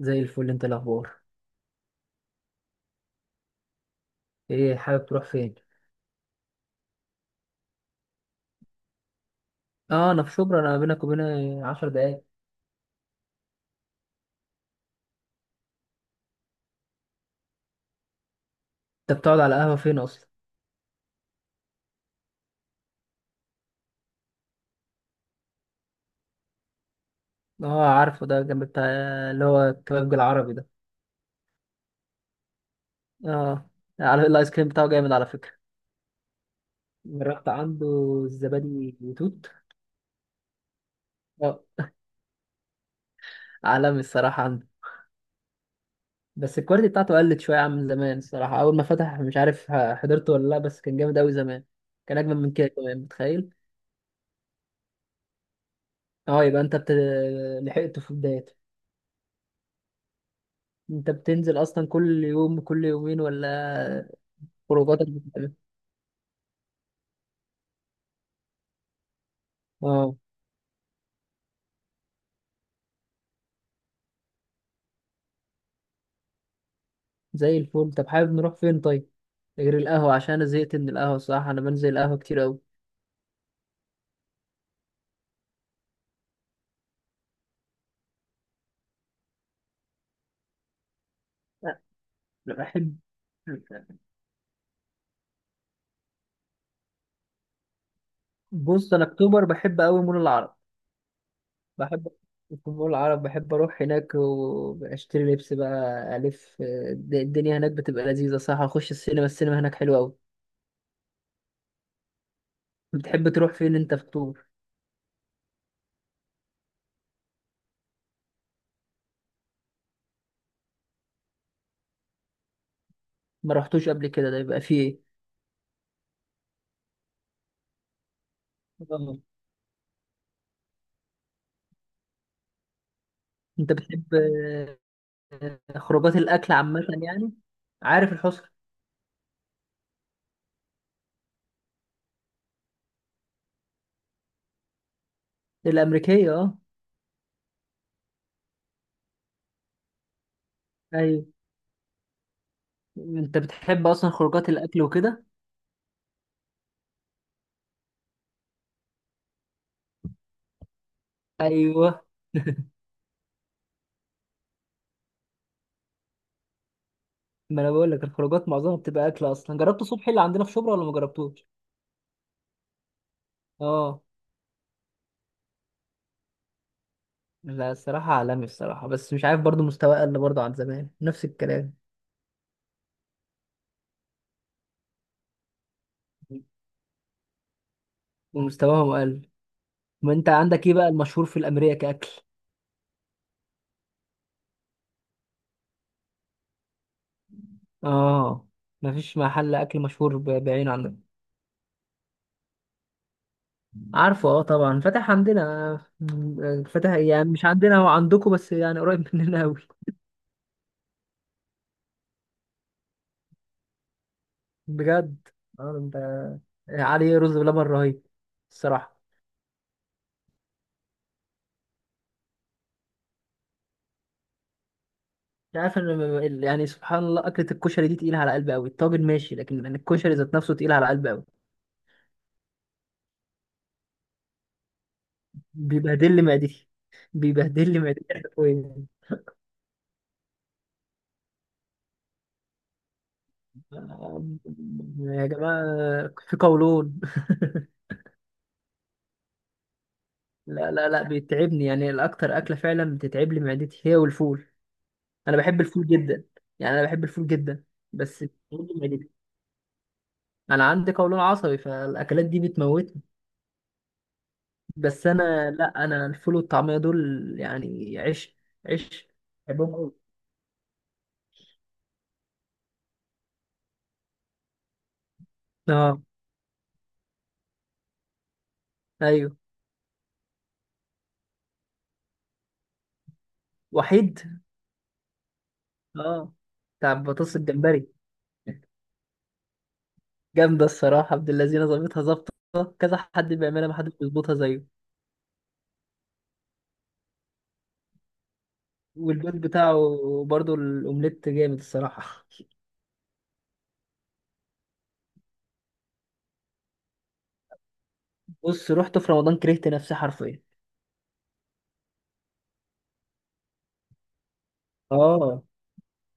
زي الفل، انت الاخبار؟ ايه، حابب تروح فين؟ اه، انا في شبرا، انا بينك وبين 10 دقايق. انت بتقعد على قهوه فين اصلا؟ اه، عارفه ده جنب بتاع اللي هو الكبابجي العربي ده. اه، على الايس كريم بتاعه جامد على فكره. جربت عنده الزبادي وتوت؟ اه، عالمي الصراحه عنده. بس الكواليتي بتاعته قلت شويه عن زمان، الصراحه اول ما فتح مش عارف حضرته ولا لا، بس كان جامد قوي زمان. كان اجمل من كده كمان، متخيل؟ اه، يبقى انت لحقته في بدايته. انت بتنزل اصلا كل يوم، كل يومين، ولا؟ خروجاتك بتبقى-. اه. زي الفل، طب حابب نروح فين طيب؟ غير القهوة، عشان انا زهقت من القهوة الصراحة، انا بنزل القهوة كتير قوي. لا، أنا بحب. بص، انا اكتوبر بحب قوي مول العرب. بحب. في مول العرب بحب اروح هناك واشتري لبس بقى. الدنيا هناك بتبقى لذيذة، صح. اخش السينما، السينما هناك حلوة قوي. بتحب تروح فين انت في اكتوبر؟ ما رحتوش قبل كده؟ ده يبقى فيه. ايه، آه. انت بتحب خروجات الاكل عامه يعني؟ عارف الحسكه الامريكيه؟ اه. ايوه. انت بتحب اصلا خروجات الاكل وكده؟ ايوه. ما انا بقول لك، الخروجات معظمها بتبقى اكل اصلا، جربت صبحي اللي عندنا في شبرا ولا ما جربتوش؟ اه. لا، الصراحه عالمي الصراحه، بس مش عارف برضو مستواه قل برضو عن زمان، نفس الكلام. ومستواهم قل. ما انت عندك ايه بقى المشهور في الامريكا كاكل؟ اه. مفيش محل اكل مشهور بعينه عندك؟ عارفه، اه طبعا، فتح عندنا. فتح يعني مش عندنا، هو عندكم، بس يعني قريب مننا قوي. بجد؟ اه، انت. عليه رز بلبن رهيب. الصراحه مش عارف ان يعني سبحان الله، اكله الكشري دي تقيله على قلبي قوي، الطاجن ماشي، لكن أنا الكشري ذات نفسه تقيل على قلبي قوي. بيبهدل لي معدتي. بيبهدل لي معدتي حرفيا. آه، يا جماعه في قولون لا، لا، لا، بيتعبني يعني، الاكتر اكله فعلا بتتعب لي معدتي هي والفول. انا بحب الفول جدا. يعني انا بحب الفول جدا. بس برضه يجيش. انا عندي قولون عصبي، فالاكلات دي بتموتني. بس انا، لا، انا الفول والطعميه دول. يعني عيش. عيش. بحبهم قوي. اه، ايوه، وحيد، اه، بتاع بطاطس الجمبري. جامده الصراحه، عبد اللذينه ظابطها، ظابطه. كذا حد بيعملها، ما حدش بيظبطها زيه. والبيض بتاعه برضه الاومليت جامد الصراحه. بص، رحت في رمضان كرهت نفسي حرفيا. اه.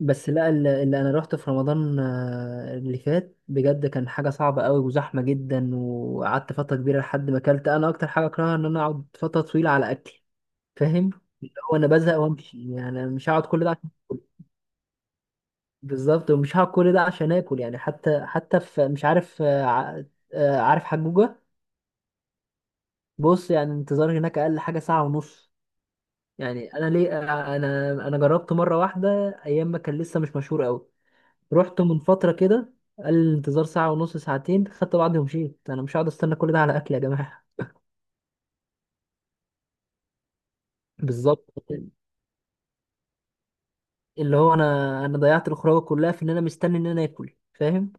بس لا، اللي انا رحت في رمضان اللي فات بجد كان حاجه صعبه قوي وزحمه جدا، وقعدت فتره كبيره لحد ما اكلت، انا اكتر حاجه اكرهها ان انا اقعد فتره طويله على اكلي. فاهم؟ هو انا بزهق وامشي، يعني أنا مش هقعد كل ده عشان آكل. بالظبط، ومش هقعد كل ده عشان اكل يعني، حتى في مش عارف، عارف حجوجه؟ بص يعني، انتظار هناك اقل حاجه ساعه ونص. يعني انا ليه انا جربت مره واحده. ايام ما كان لسه مش مشهور قوي. رحت من فترة كده، قال الانتظار ساعة ونص ساعتين، خدت بعضي ومشيت، أنا مش هقعد أستنى كل ده على أكل يا جماعة. بالظبط. اللي هو أنا ضيعت الخروجة كلها في إن أنا مستني إن أنا آكل، فاهم؟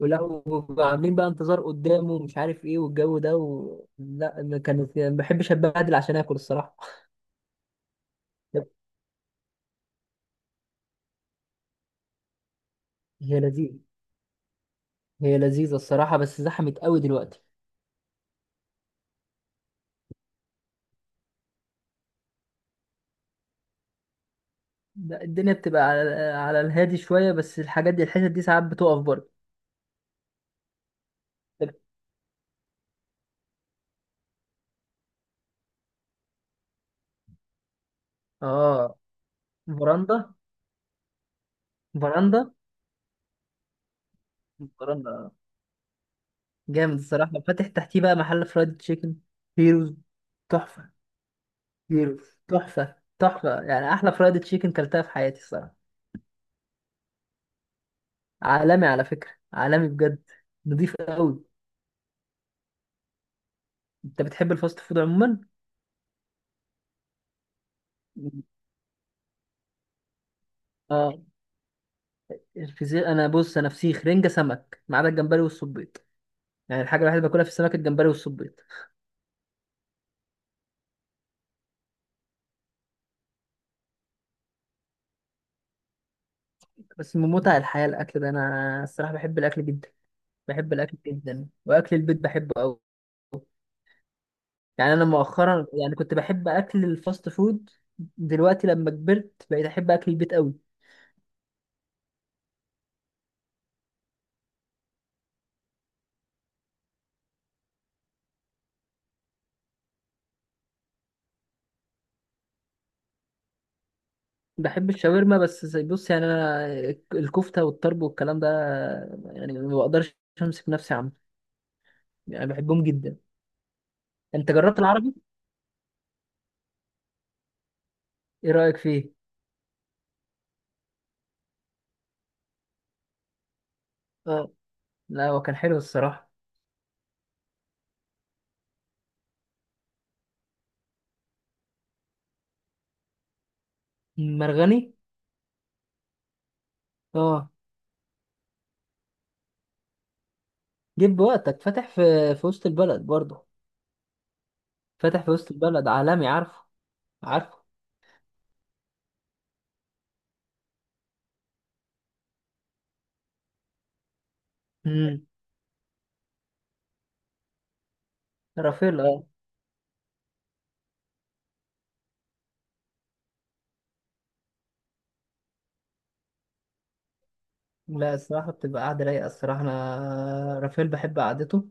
ولا، وعاملين بقى انتظار قدامه ومش عارف إيه والجو ده لا، ما كانت يعني، ما بحبش أتبهدل عشان آكل الصراحة. هي لذيذة. هي لذيذة الصراحة، بس زحمت قوي دلوقتي. لا، الدنيا بتبقى على الهادي شوية، بس الحاجات دي الحتت دي ساعات بتقف برضه. اه، فراندا. فراندا. مقارنة. جامد الصراحة، فاتح تحتيه بقى محل فرايد تشيكن. هيروز. تحفة. هيروز. تحفة، تحفة، يعني أحلى فرايد تشيكن كلتها في حياتي الصراحة. عالمي على فكرة، عالمي بجد. نضيف قوي. أنت بتحب الفاست فود عموما؟ اه. الفسيخ، أنا بص، أنا فسيخ رنجة سمك ما عدا الجمبري والصبيط. يعني الحاجة الوحيدة اللي باكلها في السمك الجمبري والصبيط. بس من متع الحياة الأكل ده، أنا الصراحة بحب الأكل جدا. بحب الأكل جدا، وأكل البيت بحبه قوي. يعني انا مؤخرا يعني كنت بحب اكل الفاست فود. دلوقتي لما كبرت بقيت احب اكل البيت قوي. بحب الشاورما، بس بص يعني انا. الكفته والطرب والكلام ده. يعني ما بقدرش. امسك نفسي عنه. يعني بحبهم جدا. انت جربت العربي؟ ايه رايك فيه؟ اه. لا، هو كان حلو الصراحه. مرغني. اه. جيب وقتك فاتح في وسط البلد برضه. فاتح في وسط البلد عالمي، عارفه. عارفه. امم. رافيل. لا، الصراحة بتبقى قاعدة رايقة الصراحة، أنا رافائيل بحب قعدته.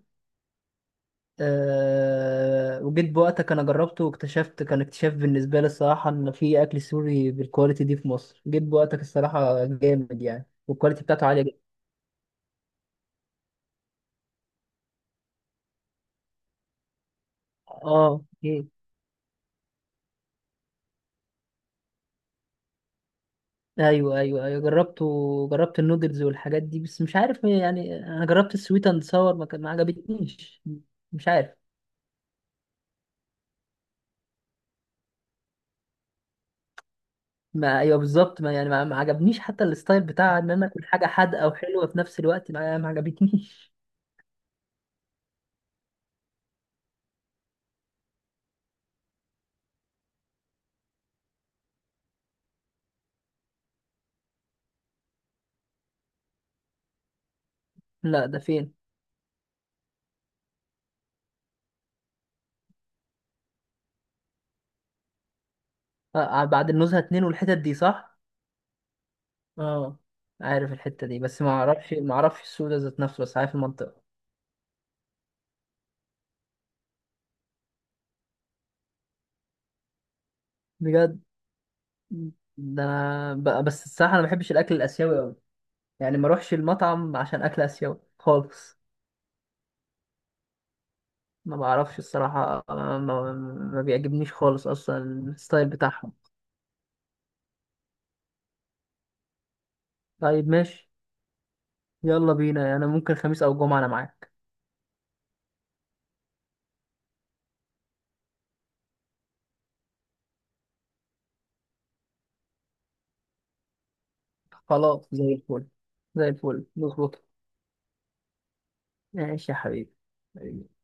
أه، وجيت بوقتك أنا جربته واكتشفت، كان اكتشاف بالنسبة لي الصراحة إن في أكل سوري بالكواليتي دي في مصر، جيت بوقتك الصراحة جامد يعني، والكواليتي بتاعته عالية جدا. اه، إيه. ايوه، ايوه، ايوه، جربته. جربت النودلز والحاجات دي، بس مش عارف يعني، انا جربت السويت اند ساور، ما عجبتنيش. مش عارف. ما ايوه بالظبط، ما يعني، ما عجبنيش، حتى الستايل بتاع ان انا اكل حاجه حادقه وحلوه في نفس الوقت، ما عجبتنيش. لا، ده فين؟ آه، آه، بعد النزهه اتنين والحتت دي، صح؟ اه. عارف الحته دي، بس ما اعرفش السوق ده ذات نفسه، بس عارف المنطقه. بجد؟ ده انا بس الصراحه انا ما بحبش الاكل الاسيوي قوي. يعني ما اروحش المطعم عشان اكل اسيوي خالص. ما بعرفش الصراحه، ما بيعجبنيش خالص اصلا. الستايل بتاعهم. طيب، ماشي. يلا بينا، يعني انا ممكن خميس او جمعه، انا معاك. خلاص، زي الفل. زي الفل، مظبوط. ماشي يا حبيبي. حبيبي.